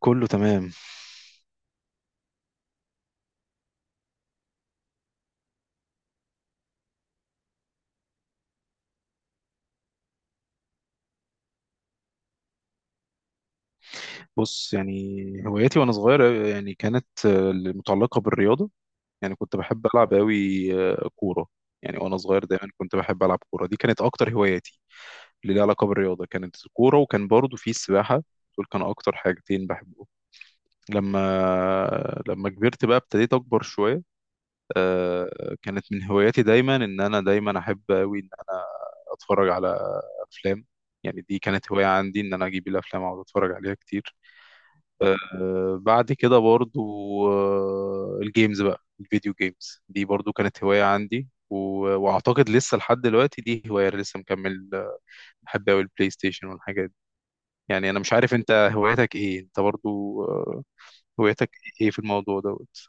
كله تمام. بص يعني، هواياتي وانا صغير أوي يعني كانت متعلقه بالرياضه. يعني كنت بحب العب قوي كوره. يعني وانا صغير دايما كنت بحب العب كوره، دي كانت اكتر هواياتي اللي ليها علاقه بالرياضه، كانت الكوره وكان برضو في السباحه. دول كانوا اكتر حاجتين بحبهم. لما لما كبرت بقى ابتديت اكبر شويه. كانت من هواياتي دايما ان انا دايما احب قوي ان انا اتفرج على افلام. يعني دي كانت هوايه عندي، ان انا اجيب الافلام واقعد اتفرج عليها كتير. بعد كده برضو، الجيمز بقى، الفيديو جيمز دي برضو كانت هواية عندي واعتقد لسه لحد دلوقتي دي هواية أنا لسه مكمل بحب اوي البلاي ستيشن والحاجات دي. يعني انا مش عارف انت هوايتك ايه، انت برضو هوايتك ايه في الموضوع دوت؟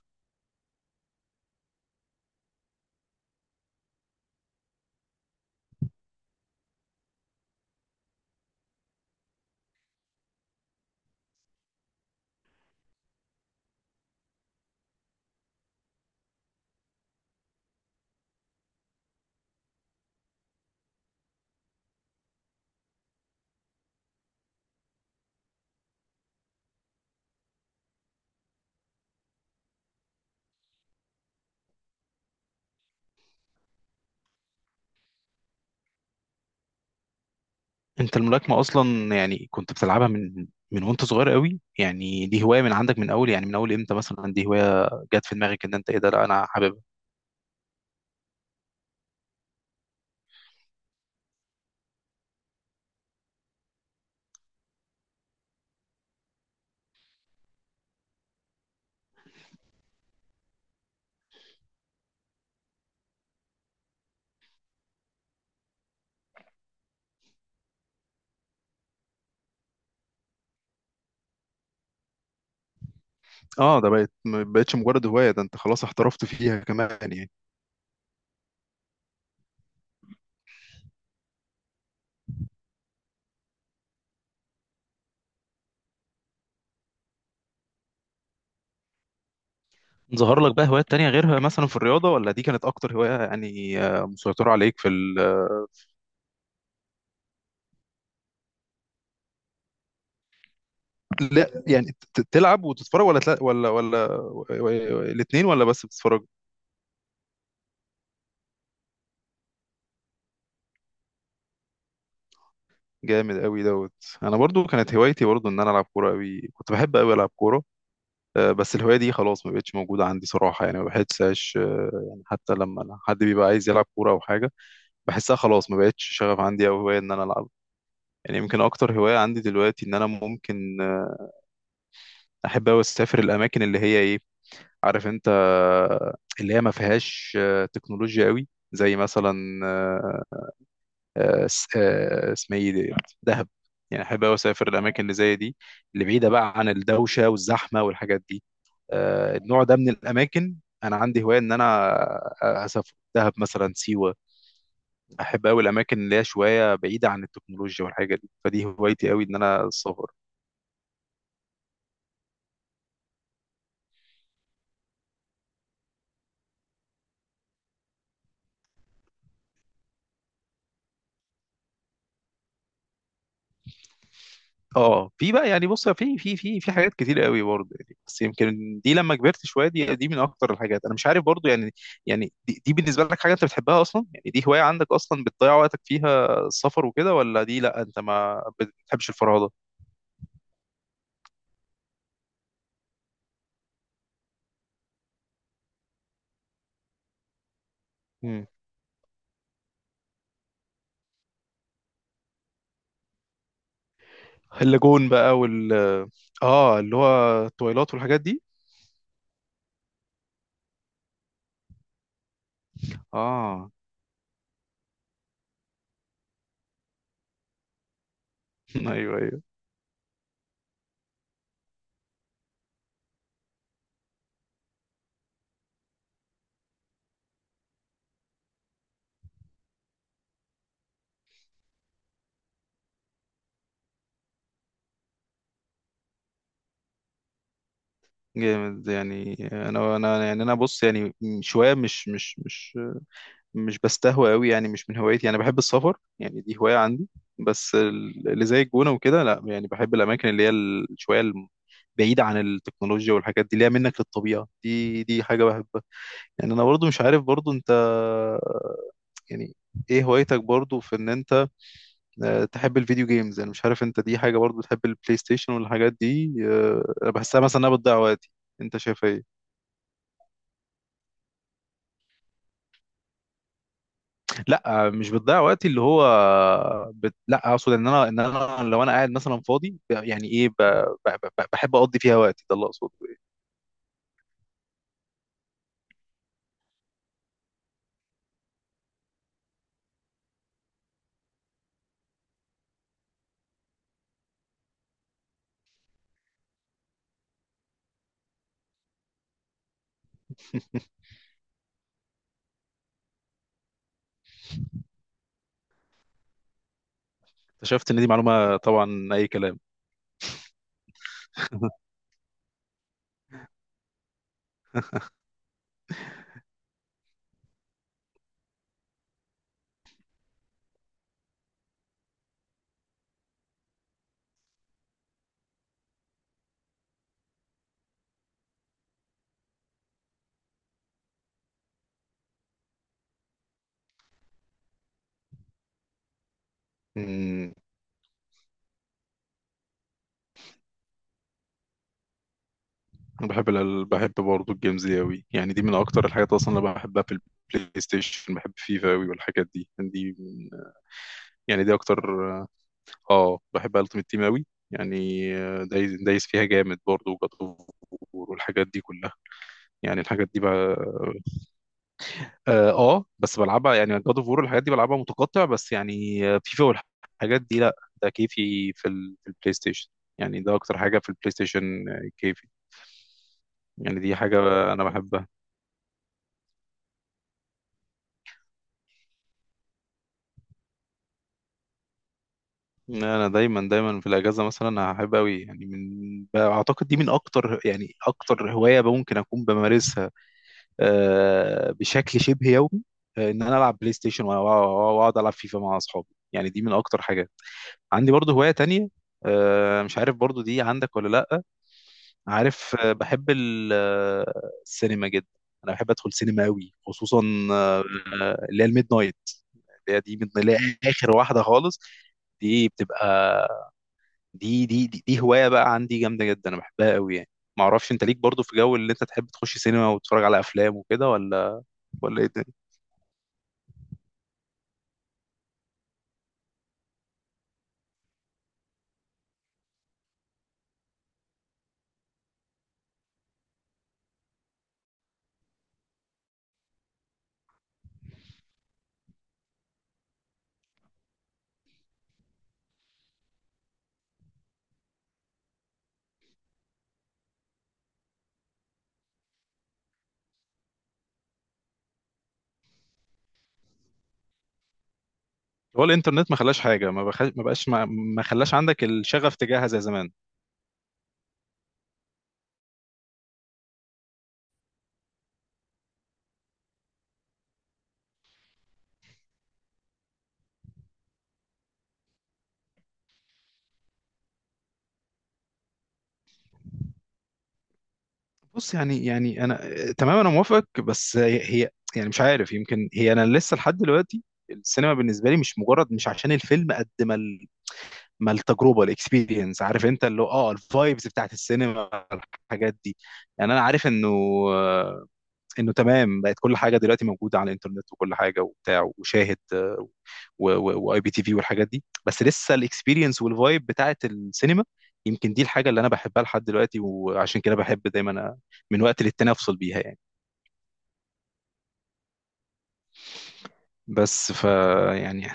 انت الملاكمة اصلا يعني كنت بتلعبها من من وانت صغير قوي؟ يعني دي هواية من عندك من اول، يعني من اول امتى مثلا دي هواية جت في دماغك ان انت ايه ده، لا انا حاببها؟ اه، ده بقت ما بقتش مجرد هواية، ده انت خلاص احترفت فيها كمان يعني. ظهر لك بقى هوايات تانية غيرها مثلا في الرياضة، ولا دي كانت أكتر هواية يعني مسيطرة عليك في ال...؟ لا يعني، تلعب وتتفرج، ولا تلا... ولا الاتنين، ولا بس بتتفرج؟ جامد قوي دوت. أنا برضو كانت هوايتي برضو إن أنا ألعب كورة قوي، كنت بحب قوي ألعب كورة. بس الهواية دي خلاص ما بقتش موجودة عندي صراحة، يعني ما بحسهاش يعني حتى لما حد بيبقى عايز يلعب كورة أو حاجة، بحسها خلاص ما بقتش شغف عندي أو هواية إن أنا ألعب. يعني يمكن أكتر هواية عندي دلوقتي إن أنا ممكن أحب أوي أسافر الأماكن اللي هي إيه، عارف انت، اللي هي ما فيهاش تكنولوجيا قوي، زي مثلا آه، اسمها ايه دي؟ دهب. يعني احب قوي اسافر الاماكن اللي زي دي، اللي بعيده بقى عن الدوشه والزحمه والحاجات دي، النوع ده من الاماكن. انا عندي هوايه ان انا اسافر دهب مثلا، سيوه. احب قوي الاماكن اللي هي شويه بعيده عن التكنولوجيا والحاجه دي، فدي هوايتي قوي ان انا السفر. اه، في بقى يعني، بص، في حاجات كتير قوي برضه يعني، بس يمكن دي لما كبرت شويه، دي من اكتر الحاجات، انا مش عارف برضه يعني. يعني دي بالنسبه لك حاجه انت بتحبها اصلا يعني؟ دي هوايه عندك اصلا بتضيع وقتك فيها، السفر وكده، ولا دي لا انت ما بتحبش الفرهده؟ مم. اللاجون بقى وال، اه اللي هو التويلات والحاجات دي؟ اه. ايوه ايوه. جامد. يعني انا يعني انا، بص يعني، شويه مش بستهوى قوي يعني، مش من هوايتي. يعني بحب السفر، يعني دي هواية عندي، بس ال- اللي زي الجونة وكده لا. يعني بحب الأماكن اللي هي ال- شوية الم- بعيدة عن التكنولوجيا والحاجات دي، اللي هي منك للطبيعة، دي دي حاجة بحبها. يعني أنا برضو مش عارف برضو أنت، يعني إيه هوايتك برضو في إن أنت تحب الفيديو جيمز؟ يعني مش عارف أنت دي حاجة برضو تحب البلاي ستيشن والحاجات دي؟ أنا بحسها مثلا إنها بتضيع وقتي، أنت شايف إيه؟ لا مش بتضيع وقتي اللي هو بت... لا اقصد ان انا، ان انا لو انا قاعد مثلا فاضي يعني ايه، ب... ب... ب... بحب اقضي فيها وقتي، ده اللي اقصده. اكتشفت ان دي معلومه طبعا اي كلام. امم أنا بحب ال... بحب برضه الجيمز دي قوي، يعني دي من اكتر الحاجات اصلا اللي بحبها في البلاي ستيشن. بحب فيفا قوي والحاجات دي، يعني دي من... يعني دي اكتر. اه بحب التيمت تيم قوي. يعني دايس فيها جامد برضه، وجات والحاجات دي كلها، يعني الحاجات دي بقى. اه بس بلعبها يعني، جاد اوف وور الحاجات دي بلعبها متقطع بس، يعني فيفا والحاجات دي لا، ده كيفي في ال- في البلاي ستيشن. يعني ده اكتر حاجه في البلاي ستيشن كيفي. يعني دي حاجه انا بحبها. انا دايما في الاجازه مثلا هحب قوي، يعني من اعتقد دي من اكتر، يعني اكتر هوايه ممكن اكون بمارسها بشكل شبه يومي، ان انا العب بلاي ستيشن واقعد العب فيفا مع اصحابي. يعني دي من اكتر حاجات عندي برضو. هوايه تانية مش عارف برضو دي عندك ولا لا، عارف، بحب ال- السينما جدا. انا بحب ادخل سينما قوي، خصوصا آه، اللي هي الميد نايت، اللي هي دي من اللي هي اخر واحده خالص. دي بتبقى، دي هوايه بقى عندي جامده جدا، انا بحبها قوي يعني. ما اعرفش انت ليك برضو في جو اللي انت تحب تخش سينما وتتفرج على افلام وكده، ولا ولا ايه الدنيا؟ هو الانترنت ما خلاش حاجه، ما بخ... ما بقاش ما خلاش عندك الشغف تجاهها زي زمان؟ بص يعني، يعني انا تمام انا موافق، بس هي، هي- يعني مش عارف، يمكن هي انا لسه لحد دلوقتي السينما بالنسبه لي مش مجرد، مش عشان الفيلم قد ما ال- ما التجربه، الاكسبيرينس عارف انت، اللي هو اه الفايبز بتاعت السينما الحاجات دي. يعني انا عارف انه، انه تمام بقت كل حاجه دلوقتي موجوده على الانترنت وكل حاجه وبتاع، وشاهد واي بي تي في والحاجات دي، بس لسه الاكسبيرينس والفايب بتاعت السينما، يمكن دي الحاجه اللي انا بحبها لحد دلوقتي، وعشان كده بحب دايما من وقت للتاني افصل بيها يعني. بس ف يعني،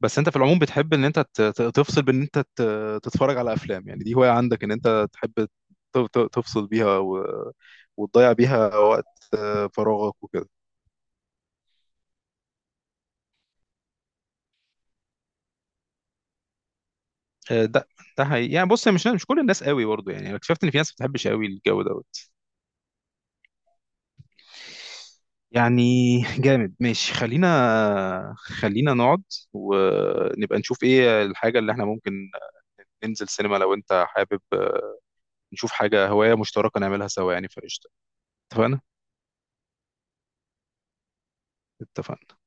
بس انت في العموم بتحب ان انت تفصل بان انت تتفرج على افلام؟ يعني دي هوايه عندك ان انت تحب تفصل بيها و... وتضيع بيها وقت فراغك وكده؟ ده ده حقيقي يعني، بص مش مش كل الناس قوي برضه يعني، أنا اكتشفت ان في ناس ما بتحبش قوي الجو دوت يعني. جامد، ماشي، خلينا نقعد ونبقى نشوف ايه الحاجة اللي احنا ممكن ننزل سينما لو انت حابب، نشوف حاجة هواية مشتركة نعملها سوا يعني، فقشطة. اتفقنا. اتفقنا.